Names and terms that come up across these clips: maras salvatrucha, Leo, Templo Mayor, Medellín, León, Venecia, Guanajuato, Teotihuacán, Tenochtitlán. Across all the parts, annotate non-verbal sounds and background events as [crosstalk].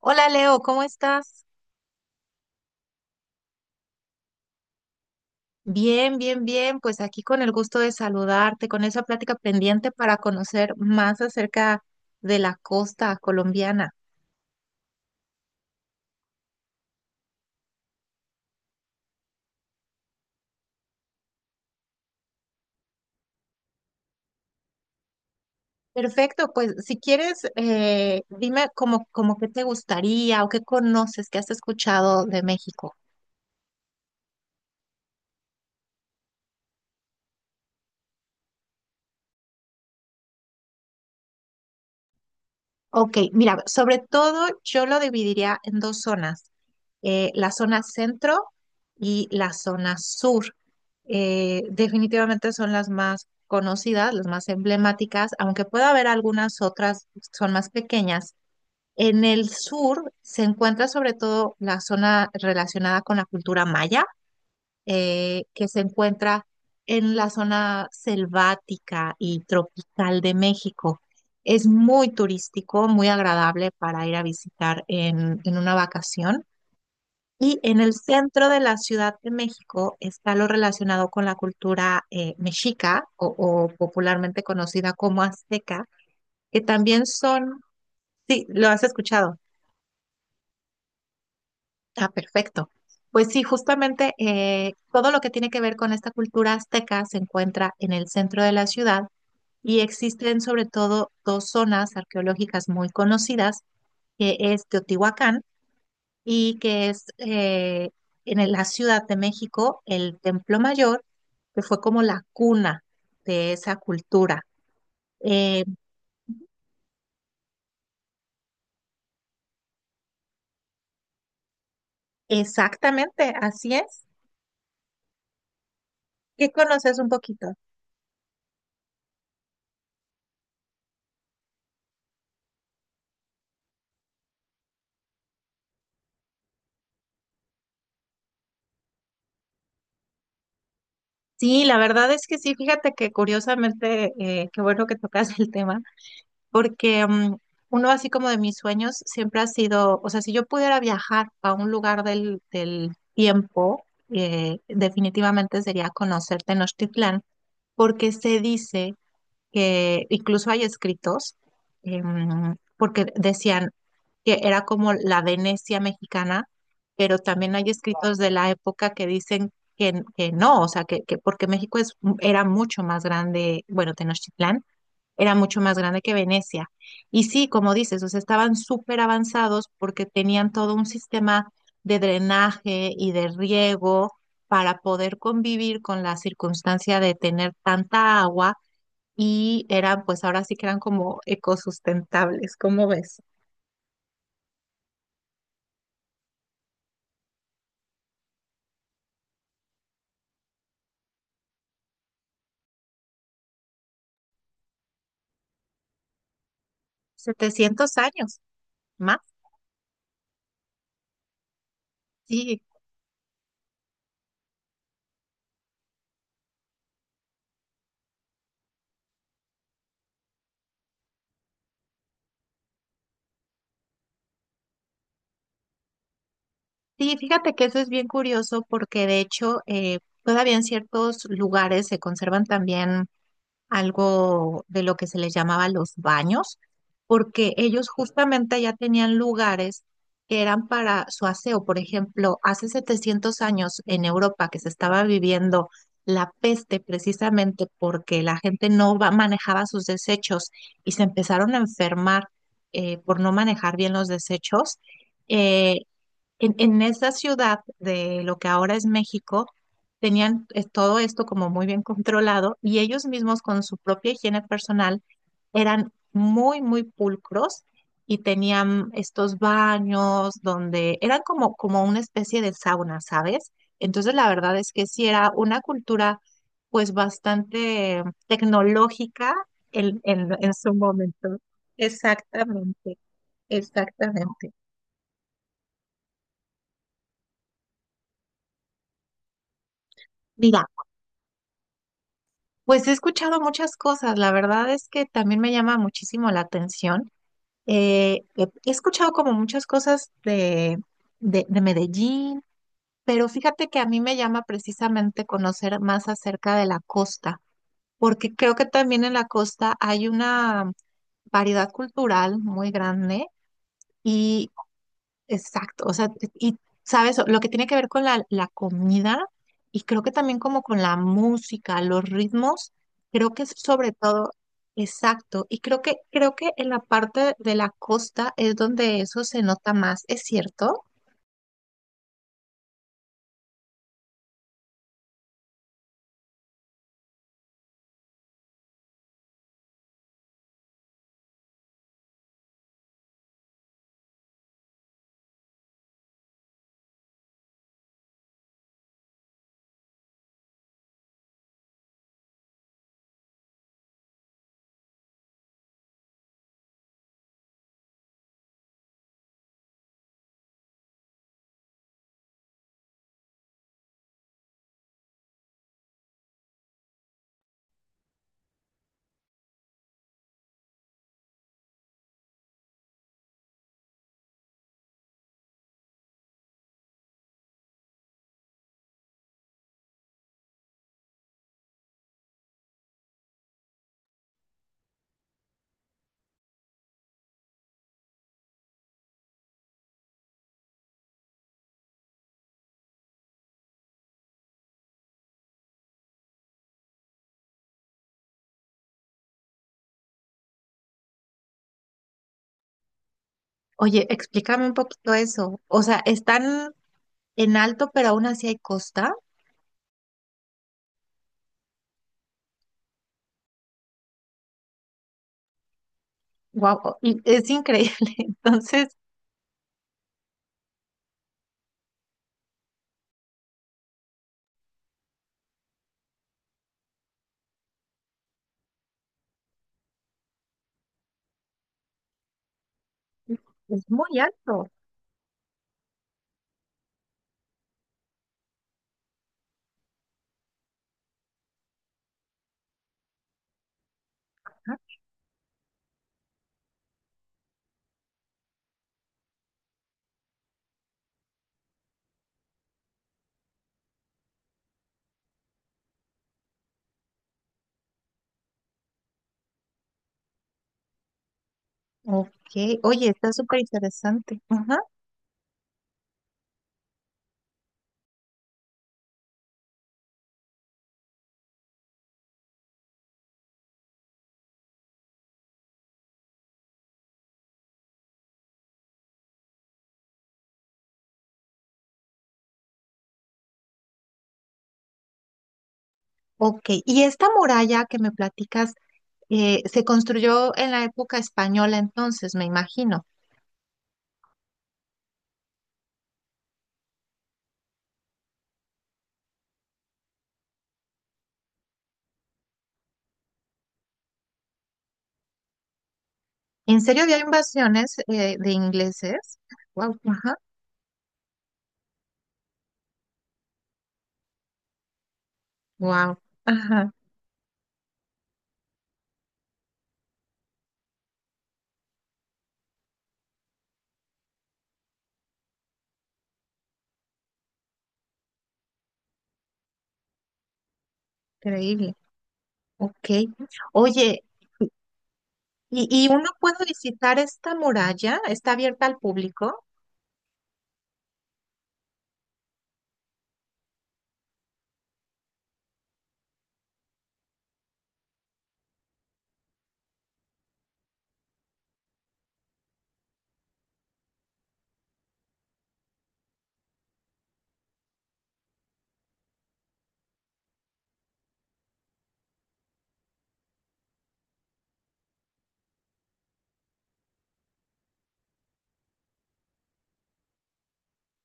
Hola Leo, ¿cómo estás? Bien, bien, bien. Pues aquí con el gusto de saludarte, con esa plática pendiente para conocer más acerca de la costa colombiana. Perfecto, pues si quieres, dime como qué te gustaría o qué conoces, qué has escuchado de México. Ok, mira, sobre todo yo lo dividiría en dos zonas, la zona centro y la zona sur. Definitivamente son las más conocidas, las más emblemáticas, aunque pueda haber algunas otras, son más pequeñas. En el sur se encuentra sobre todo la zona relacionada con la cultura maya que se encuentra en la zona selvática y tropical de México. Es muy turístico, muy agradable para ir a visitar en una vacación. Y en el centro de la Ciudad de México está lo relacionado con la cultura mexica o popularmente conocida como azteca, que también son, sí, lo has escuchado. Ah, perfecto. Pues sí, justamente todo lo que tiene que ver con esta cultura azteca se encuentra en el centro de la ciudad y existen sobre todo dos zonas arqueológicas muy conocidas, que es Teotihuacán y que es la Ciudad de México el Templo Mayor, que fue como la cuna de esa cultura. Eh, exactamente, así es. ¿Qué conoces un poquito? Sí, la verdad es que sí, fíjate que curiosamente, qué bueno que tocas el tema, porque uno así como de mis sueños siempre ha sido, o sea, si yo pudiera viajar a un lugar del tiempo, definitivamente sería conocer Tenochtitlán, porque se dice que incluso hay escritos, porque decían que era como la Venecia mexicana, pero también hay escritos de la época que dicen que, que no, o sea, que porque México es, era mucho más grande, bueno, Tenochtitlán era mucho más grande que Venecia. Y sí, como dices, o sea, estaban súper avanzados porque tenían todo un sistema de drenaje y de riego para poder convivir con la circunstancia de tener tanta agua y eran, pues ahora sí que eran como ecosustentables, ¿cómo ves? 700 años más. Sí, sí, fíjate que eso es bien curioso porque de hecho todavía en ciertos lugares se conservan también algo de lo que se les llamaba los baños, porque ellos justamente ya tenían lugares que eran para su aseo. Por ejemplo, hace 700 años en Europa que se estaba viviendo la peste precisamente porque la gente no va- manejaba sus desechos y se empezaron a enfermar por no manejar bien los desechos. eh, en esa ciudad de lo que ahora es México, tenían todo esto como muy bien controlado y ellos mismos con su propia higiene personal eran muy, muy pulcros y tenían estos baños donde eran como, como una especie de sauna, ¿sabes? Entonces la verdad es que sí era una cultura pues bastante tecnológica en su momento. Exactamente, exactamente. Mira. Pues he escuchado muchas cosas, la verdad es que también me llama muchísimo la atención. He escuchado como muchas cosas de Medellín, pero fíjate que a mí me llama precisamente conocer más acerca de la costa, porque creo que también en la costa hay una variedad cultural muy grande. Exacto, o sea, y sabes, lo que tiene que ver con la comida y creo que también como con la música, los ritmos, creo que es sobre todo, exacto, y creo que en la parte de la costa es donde eso se nota más, ¿es cierto? Oye, explícame un poquito eso, o sea, están en alto, pero aún así hay costa, wow, y es increíble, [laughs] entonces es muy alto, ajá. Ok, oye, está súper interesante. Ok, y esta muralla que me platicas se construyó en la época española entonces, me imagino. ¿En serio había invasiones de ingleses? Wow, ajá, wow, ajá, increíble. Ok. Oye, y uno puede visitar esta muralla? ¿Está abierta al público?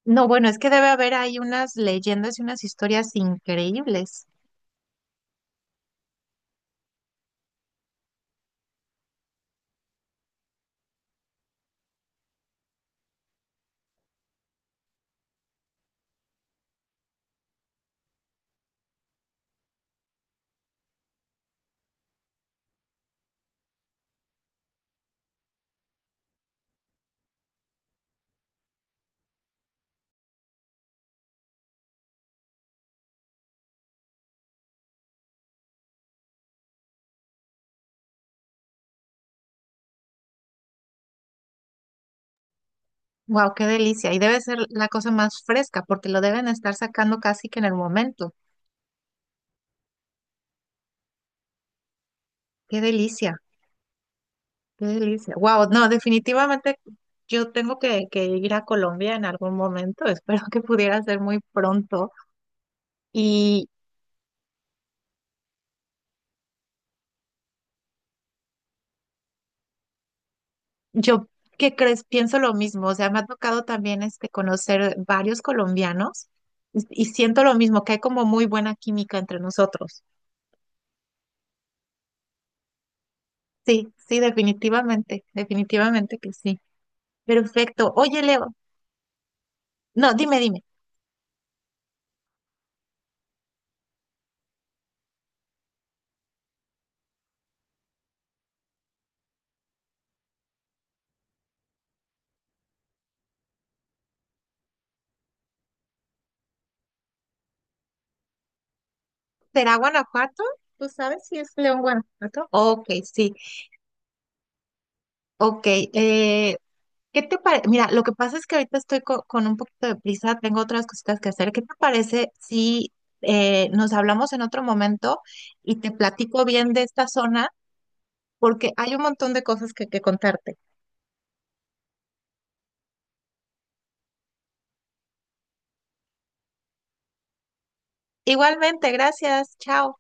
No, bueno, es que debe haber ahí unas leyendas y unas historias increíbles. Wow, qué delicia. Y debe ser la cosa más fresca porque lo deben estar sacando casi que en el momento. Qué delicia. Qué delicia. Wow, no, definitivamente yo tengo que ir a Colombia en algún momento. [laughs] Espero que pudiera ser muy pronto. Y yo, ¿qué crees? Pienso lo mismo. O sea, me ha tocado también este, conocer varios colombianos y siento lo mismo, que hay como muy buena química entre nosotros. Sí, sí, definitivamente, definitivamente que sí. Perfecto. Oye, Leo, no, dime, dime, ¿será Guanajuato? ¿Tú sabes si es León Guanajuato? Ok, sí. Ok, ¿qué te parece? Mira, lo que pasa es que ahorita estoy con un poquito de prisa, tengo otras cositas que hacer. ¿Qué te parece si nos hablamos en otro momento y te platico bien de esta zona? Porque hay un montón de cosas que contarte. Igualmente, gracias, chao.